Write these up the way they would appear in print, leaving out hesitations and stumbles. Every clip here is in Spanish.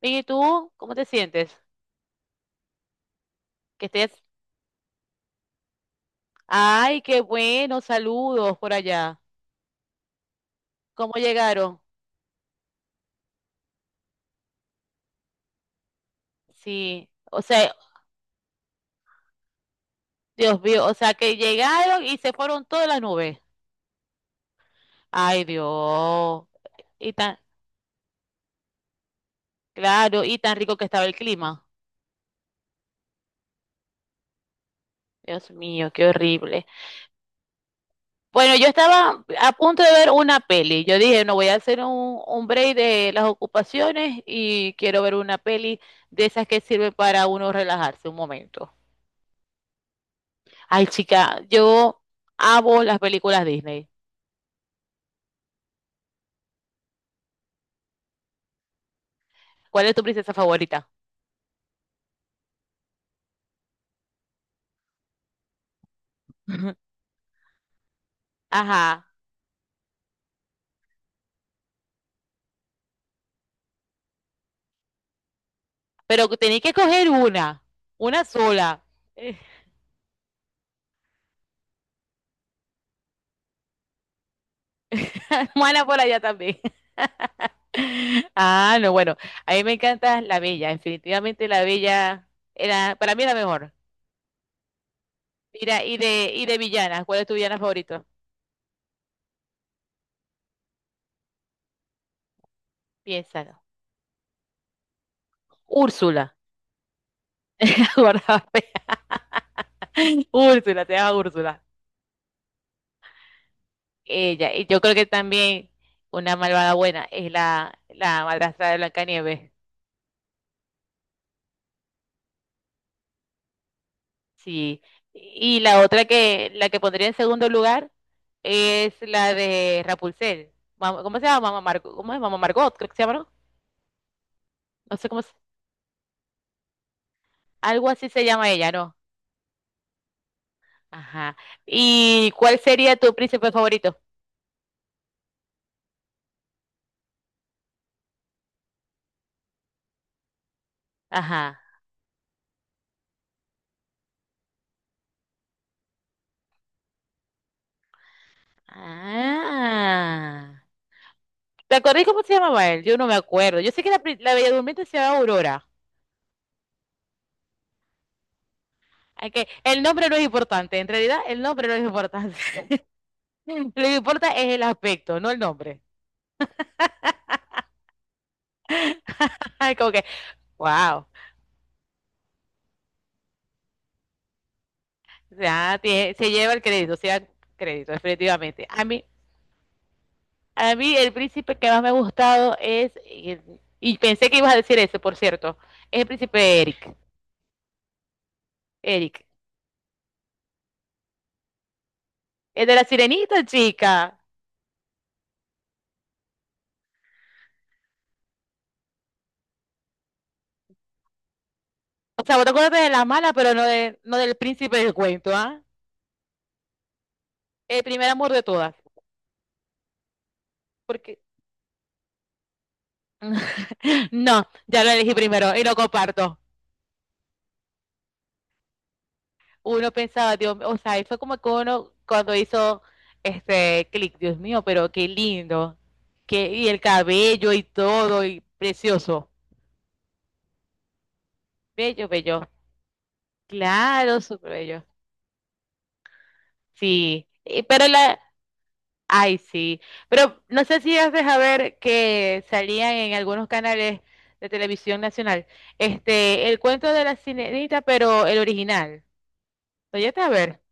¿Y tú cómo te sientes? Que estés. Ay, qué bueno, saludos por allá. ¿Cómo llegaron? Sí, o sea, Dios mío, o sea que llegaron y se fueron todas las nubes. Ay, Dios. Y tan, claro, y tan rico que estaba el clima. Dios mío, qué horrible. Bueno, yo estaba a punto de ver una peli. Yo dije, no voy a hacer un break de las ocupaciones y quiero ver una peli de esas que sirve para uno relajarse un momento. Ay, chica, yo amo las películas Disney. ¿Cuál es tu princesa favorita? Ajá, pero tenéis que coger una sola. Mala por allá también. Ah, no, bueno, a mí me encanta La Bella, definitivamente La Bella para mí era mejor. Mira, y de villanas, ¿cuál es tu villana favorito? Piénsalo. Úrsula. Guarda, Úrsula, te llama Úrsula. Ella, y yo creo que también una malvada buena es la madrastra de Blancanieves. Sí. Y la otra que, la que pondría en segundo lugar es la de Rapunzel. ¿Cómo se llama? Mamá Margot, ¿cómo es? Mamá Margot, creo que se llama, ¿no? No sé algo así se llama ella, ¿no? Ajá. ¿Y cuál sería tu príncipe favorito? Ajá. Ah. ¿Te acordás cómo se llamaba él? Yo no me acuerdo. Yo sé que la, la Bella Durmiente se llamaba Aurora. Okay. El nombre no es importante, en realidad el nombre no es importante. Lo que importa es el aspecto, no el nombre. Como que, wow. O sea, se lleva el crédito, se lleva el crédito, definitivamente. A mí, el príncipe que más me ha gustado es, y pensé que ibas a decir ese, por cierto, es el príncipe Eric. Eric. El de la sirenita, chica. O sea, vos te acuerdas de la mala, pero no, de, no del príncipe del cuento, ¿ah? El primer amor de todas. Porque no, ya lo elegí primero y lo comparto. Uno pensaba, Dios, o sea, y fue como que uno cuando hizo este clic, Dios mío, pero qué lindo. Que, y el cabello y todo, y precioso. Bello, bello. Claro, súper bello. Sí, pero la... Ay, sí. Pero no sé si has dejado ver que salían en algunos canales de televisión nacional, este, el cuento de la sirenita, pero el original. ¿Lo llegaste a ver?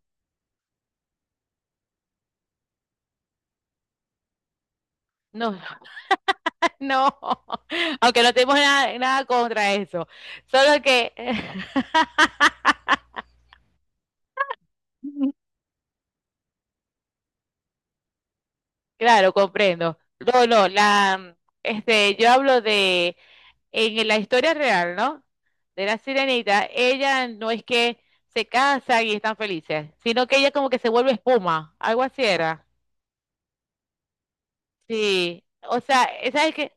No. No, aunque no tenemos nada, nada contra eso. Solo que, claro, comprendo. No, no, la, yo hablo en la historia real, ¿no? De la sirenita, ella no es que se casan y están felices, sino que ella como que se vuelve espuma, algo así era. Sí, o sea, ¿sabes qué?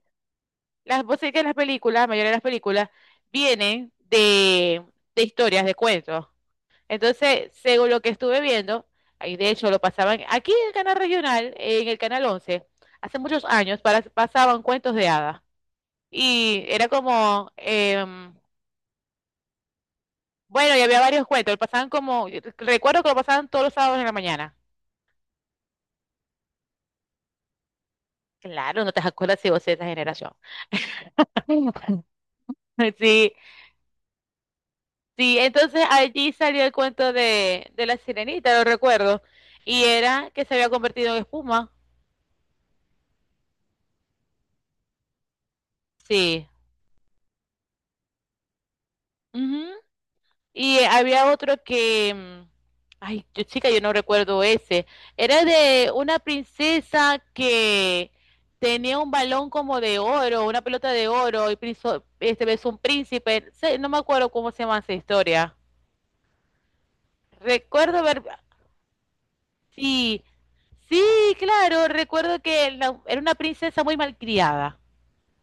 Las, vos sabés que las películas, la mayoría de las películas, vienen de, historias, de cuentos. Entonces, según lo que estuve viendo, ahí de hecho lo pasaban aquí en el canal regional, en el canal 11, hace muchos años pasaban cuentos de hadas. Y era como, bueno, y había varios cuentos, lo pasaban como, recuerdo que lo pasaban todos los sábados en la mañana. Claro, no te acuerdas si vos eres de esa generación. Sí, sí, entonces allí salió el cuento de, la sirenita, lo recuerdo, y era que se había convertido en espuma. Sí. Y había otro que, ay, chica, yo no recuerdo ese. Era de una princesa que tenía un balón como de oro, una pelota de oro, y besó un príncipe. No me acuerdo cómo se llama esa historia. Recuerdo ver, sí, sí, claro, recuerdo que era una princesa muy malcriada.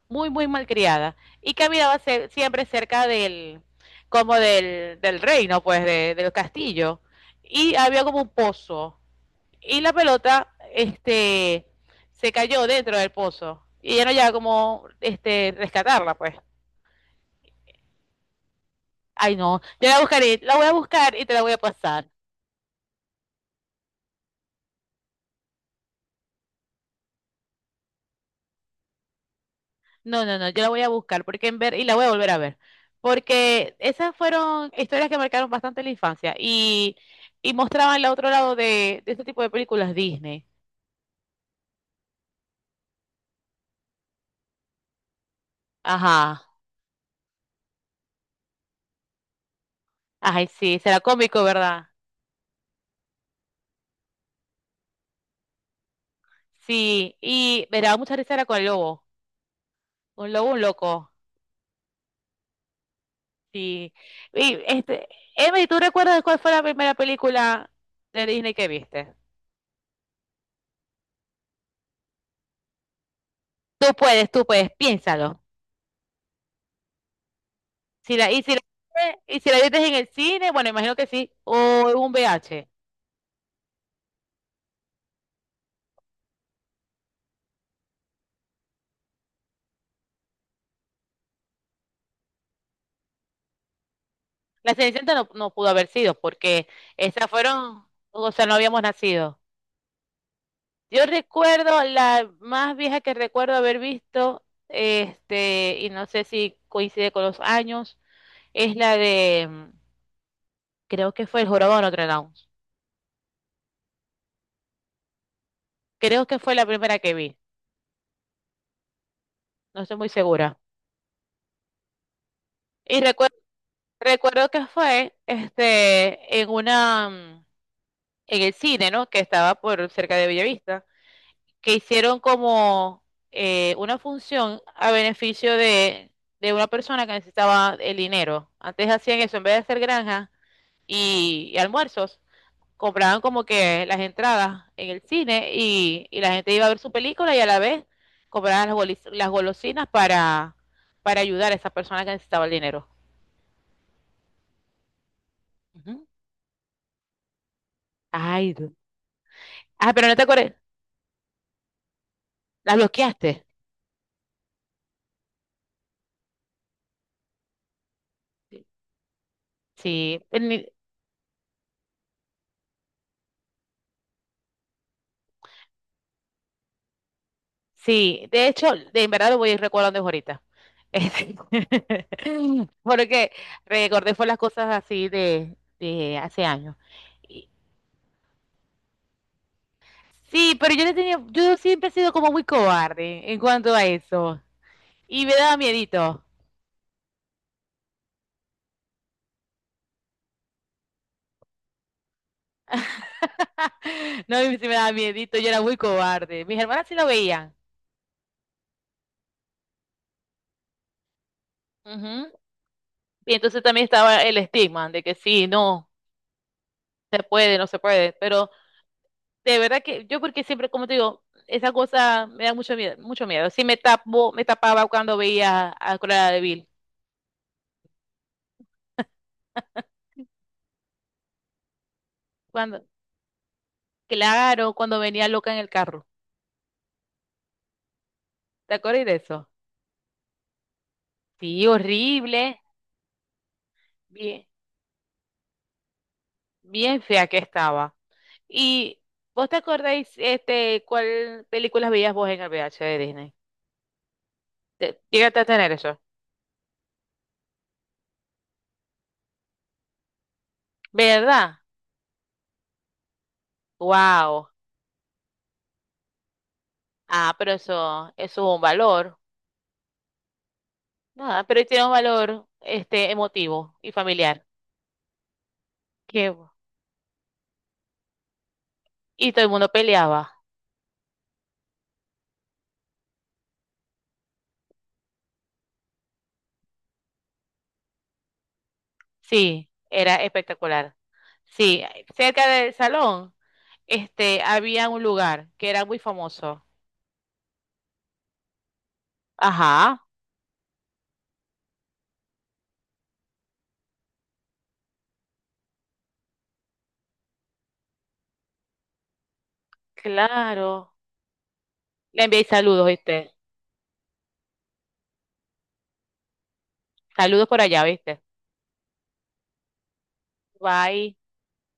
Muy, muy malcriada y caminaba siempre cerca como del reino, pues, del castillo. Y había como un pozo y la pelota, se cayó dentro del pozo y ya no llegaba como, rescatarla, pues. Ay, no, yo la buscaré, la voy a buscar y te la voy a pasar. No, no, no, yo la voy a buscar porque en ver y la voy a volver a ver. Porque esas fueron historias que marcaron bastante la infancia y mostraban el otro lado de, este tipo de películas Disney. Ajá. Ay, sí, será cómico, ¿verdad? Sí, y me daba mucha risa era con el lobo. Un lobo, un loco. Sí. Y este, Emily, ¿tú recuerdas cuál fue la primera película de Disney que viste? Tú puedes, piénsalo. Si la, y si la, y si la viste en el cine, bueno, imagino que sí, o en un VH. La Cenicienta no, no pudo haber sido porque esas fueron, o sea, no habíamos nacido. Yo recuerdo, la más vieja que recuerdo haber visto, este, y no sé si coincide con los años, es la creo que fue El Jorobado de Notre Dame. Creo que fue la primera que vi, no estoy muy segura. Y recuerdo, recuerdo que fue, este, en el cine, ¿no? Que estaba por cerca de Bellavista, que hicieron como una función a beneficio de, una persona que necesitaba el dinero. Antes hacían eso, en vez de hacer granjas y almuerzos. Compraban como que las entradas en el cine y la gente iba a ver su película y a la vez compraban las golosinas para ayudar a esa persona que necesitaba el dinero. Ujú. Ay, ah, pero no te acuerdas, las bloqueaste. Sí, sí, de hecho, de en verdad lo voy a ir recordando ahorita. Este, porque recordé fue las cosas así de, hace años. Sí, pero yo le tenía, yo siempre he sido como muy cobarde en cuanto a eso. Y me daba miedito. No, a sí me daba miedito, yo era muy cobarde. Mis hermanas sí lo veían. Ujú. Y entonces también estaba el estigma de que sí, no, se puede, no se puede. Pero de verdad que yo porque siempre, como te digo, esa cosa me da mucho miedo, mucho miedo. Sí me tapaba cuando veía a Cruella de Vil. Cuando, claro, cuando venía loca en el carro. ¿Te acuerdas de eso? Sí, horrible. Bien, bien fea que estaba. ¿Y vos te acordáis este, cuál películas veías vos en el VH de Disney? Te- Llegaste a tener eso. ¿Verdad? Wow. Ah, pero eso es un valor. Nada, pero tiene un valor este emotivo y familiar. Qué y todo el mundo peleaba. Sí, era espectacular. Sí, cerca del salón, este, había un lugar que era muy famoso. Ajá, claro. Le envié saludos, ¿viste? Saludos por allá, ¿viste? Bye.